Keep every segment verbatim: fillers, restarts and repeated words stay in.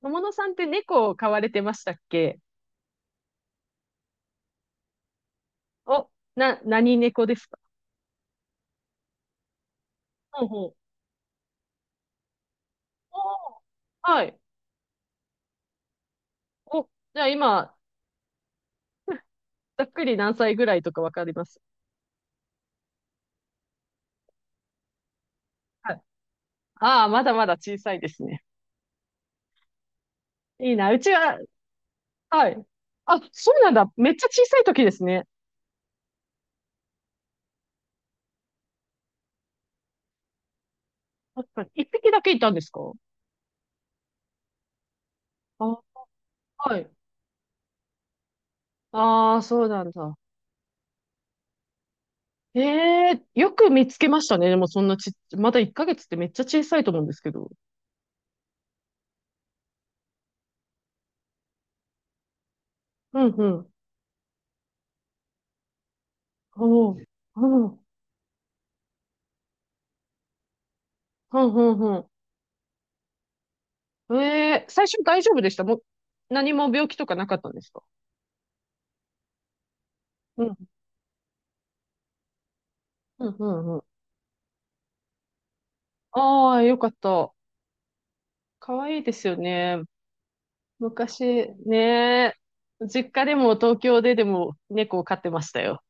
友野さんって猫を飼われてましたっけ？お、な、何猫ですか？ほうほう。おーはい。お、じゃあ今、ざっくり何歳ぐらいとかわかります？はい。ああ、まだまだ小さいですね。いいな。うちは、はい。あ、そうなんだ。めっちゃ小さい時ですね。確かに。一匹だけいたんですか？あ、はい。ああ、そうなんだ。ええ、よく見つけましたね。でもそんなちっ、まだいっかげつってめっちゃ小さいと思うんですけど。うんうん。おおー。うん。うんうん。ええ、最初大丈夫でしたもう、何も病気とかなかったんですか？うん、うん、うん、うん。ああ、よかった。可愛いですよね。昔、ねえ、実家でも東京ででも猫を飼ってましたよ。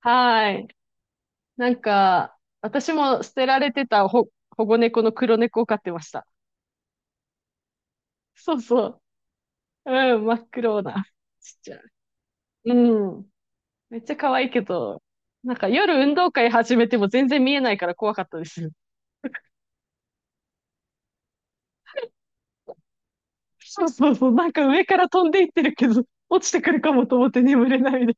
はい。なんか、私も捨てられてたほ保護猫の黒猫を飼ってました。そうそう。うん、真っ黒な。ちっちゃい。うん。めっちゃ可愛いけど、なんか夜運動会始めても全然見えないから怖かったです。そうそうそう、なんか上から飛んでいってるけど、落ちてくるかもと思って眠れないで。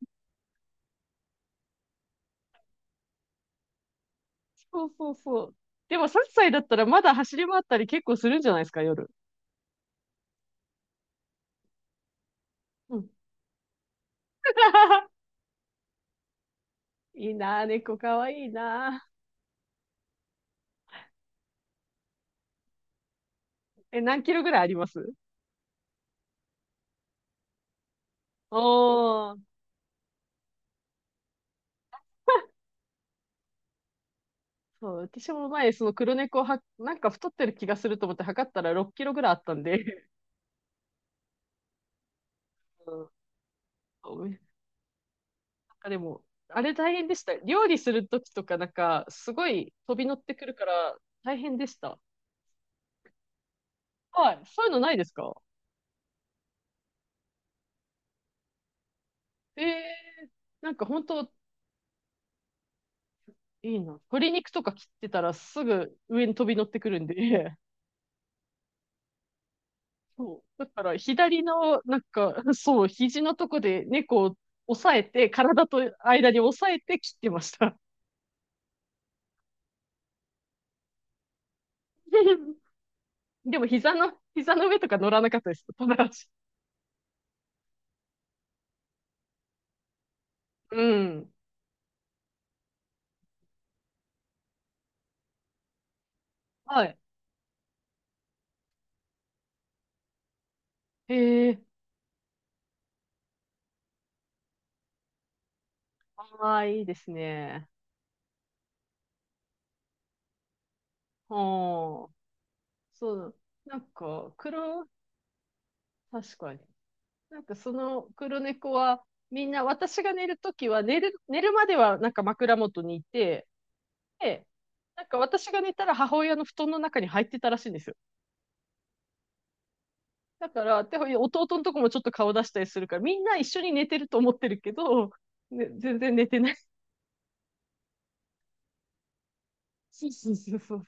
そうそうそう。でもさんさいだったらまだ走り回ったり結構するんじゃないですか、夜。うん。いいなぁ、猫かわいいなぁ。え、何キロぐらいあります？おー。そう、私も前、その黒猫は、なんか太ってる気がすると思って測ったらろっキロぐらいあったんで。うん。そうなんかでも、あれ大変でした。料理するときとかなんか、すごい飛び乗ってくるから大変でした。はい。そういうのないですか？ええ、なんか本当いいな。鶏肉とか切ってたらすぐ上に飛び乗ってくるんで、そう。だから左の、なんか、そう、肘のとこで猫を押さえて、体と間に押さえて切ってました。でも膝の、膝の上とか乗らなかったです。友達。うん。はい。へえ。ああ、いいですね。はあ。そう。なんか、黒、確かに。なんかその黒猫は、みんな私が寝るときは寝る、寝るまではなんか枕元にいて、で、なんか私が寝たら母親の布団の中に入ってたらしいんですよ。だから、で弟のとこもちょっと顔出したりするから、みんな一緒に寝てると思ってるけど、ね、全然寝てない。そうそうそうそう。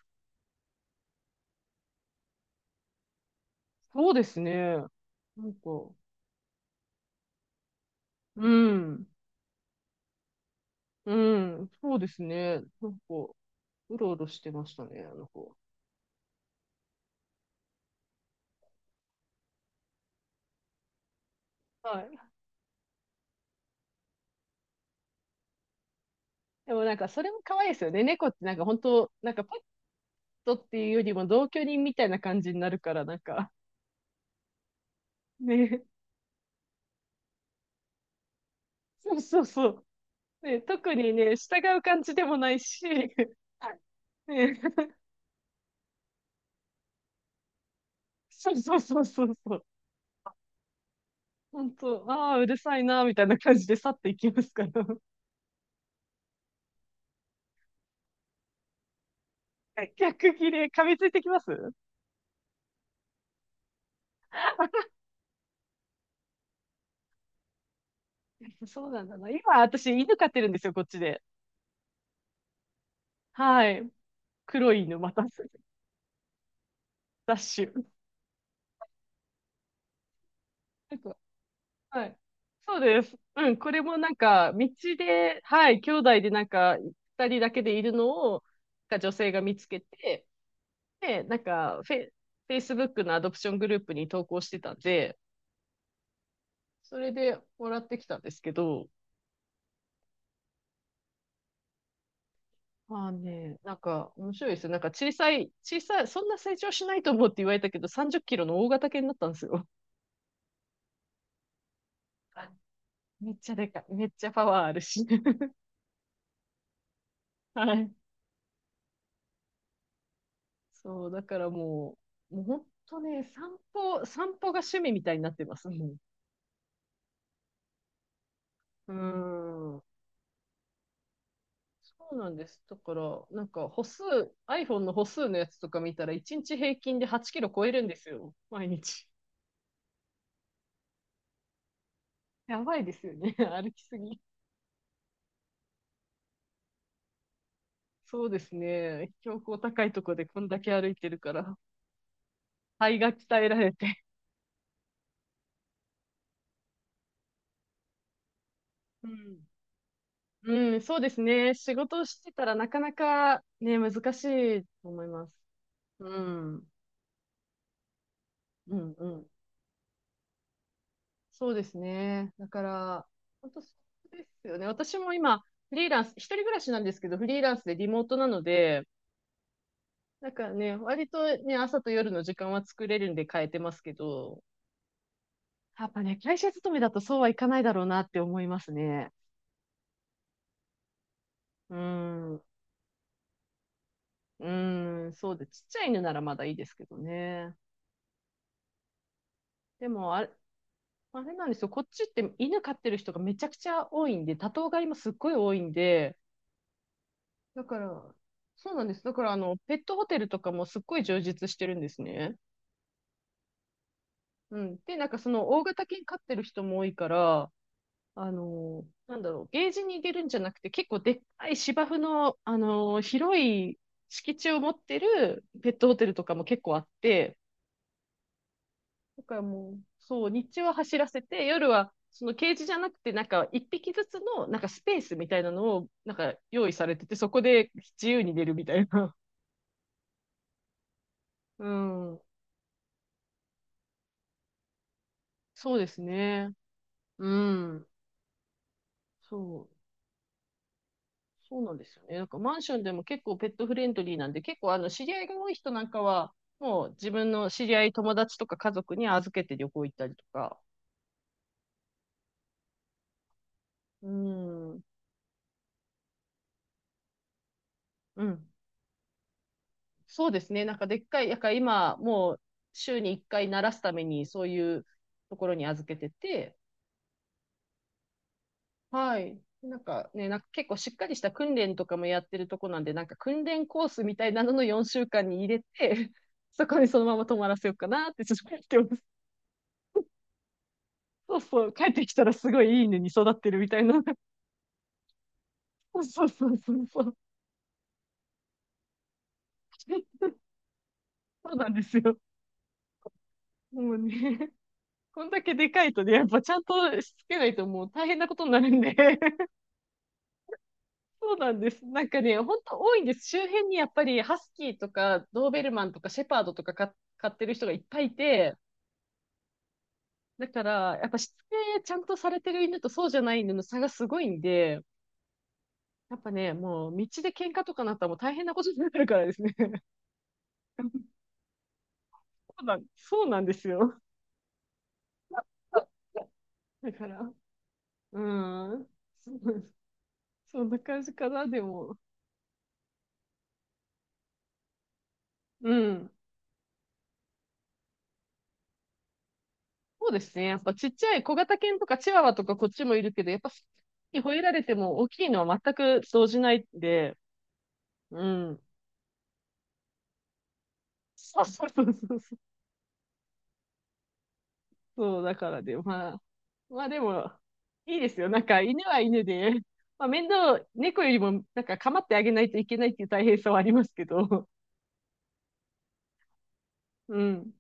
そうですね。なんか、うん、うん、そうですね。なんか、うろうろしてましたね、あの子。はい。でもなんか、それも可愛いですよね。猫ってなんか本当、なんかトっていうよりも同居人みたいな感じになるから、なんか、ね、そうそうそう。ね、特にね、従う感じでもないし、ね、そうそうそうそうそう。本当、ああ、うるさいな、みたいな感じで去っていきますから。はい、逆切れ、噛みついてきます。そうなんだな。今、私、犬飼ってるんですよ、こっちで。はい。黒い犬、また、ダッシュ。なんかはい。そうです。うん、これもなんか、道で、はい、兄弟でなんか、ふたりだけでいるのを、なんか女性が見つけて、で、なんかフェイ、エフエーシーイービーオー のアドプショングループに投稿してたんで、それでもらってきたんですけど、まあね、なんか面白いですよ。なんか小さい、小さい、そんな成長しないと思うって言われたけど、さんじゅっキロの大型犬になったんですよ。めっちゃでかい。めっちゃパワーあるし。はい。そう、だからもう、もう本当ね、散歩、散歩が趣味みたいになってます。もう。うん。そうなんです。だから、なんか歩数、アイフォン の歩数のやつとか見たら、いちにち平均ではちキロ超えるんですよ。毎日。やばいですよね。歩きすぎ。そうですね。標高高いとこでこんだけ歩いてるから、肺が鍛えられて。うん。うん、そうですね。仕事をしてたらなかなかね、難しいと思います。うん。うん、うん。そうですね。だから、本当そうですよね。私も今、フリーランス、一人暮らしなんですけど、フリーランスでリモートなので、なんかね、割とね、朝と夜の時間は作れるんで変えてますけど、やっぱね、会社勤めだとそうはいかないだろうなって思いますね。うーん、うーん、そうで、ちっちゃい犬ならまだいいですけどね。でも、あれ、あれなんですよ、こっちって犬飼ってる人がめちゃくちゃ多いんで、多頭飼いもすっごい多いんで、だから、そうなんです。だから、あの、ペットホテルとかもすっごい充実してるんですね。うん。で、なんかその大型犬飼ってる人も多いから、あのなんだろう、ゲージに入れるんじゃなくて、結構でっかい芝生の、あの広い敷地を持ってるペットホテルとかも結構あって、だからもう、そう、日中は走らせて、夜は、そのケージじゃなくて、なんか一匹ずつの、なんかスペースみたいなのを、なんか用意されてて、そこで自由に出るみたいな。うん。そうですね。うん。そう、そうなんですよね。なんかマンションでも結構ペットフレンドリーなんで、結構あの知り合いが多い人なんかは、もう自分の知り合い、友達とか家族に預けて旅行行ったりとか。うん、うん。そうですね。なんかでっかい、なんか今、もう週にいっかい慣らすためにそういうところに預けてて、はい。なんかね、なんか結構しっかりした訓練とかもやってるとこなんで、なんか訓練コースみたいなののよんしゅうかんに入れて、そこにそのまま泊まらせようかなってちょっと思ってます。そうそう、帰ってきたらすごいいい犬に育ってるみたいな。そうそうそうそうそう。そうなんですよ。もうね、こんだけでかいとね、やっぱちゃんとしつけないともう大変なことになるんで。そうなんです。なんかね、ほんと多いんです。周辺にやっぱりハスキーとかドーベルマンとかシェパードとかか飼ってる人がいっぱいいて、だからやっぱしつけちゃんとされてる犬とそうじゃない犬の差がすごいんで、やっぱね、もう道で喧嘩とかなったらもう大変なことになるからですね。そうなん、そうなんですよ。だから、うん。そんな感じかな、でも。うん。そうですね。やっぱちっちゃい小型犬とかチワワとかこっちもいるけど、やっぱ、吠えられても大きいのは全く動じないんで、うん。そうそうそうそうそう。そうだからで、まあ、まあでも、いいですよ。なんか犬は犬で、まあ面倒、猫よりもなんか構ってあげないといけないっていう大変さはありますけど、うん。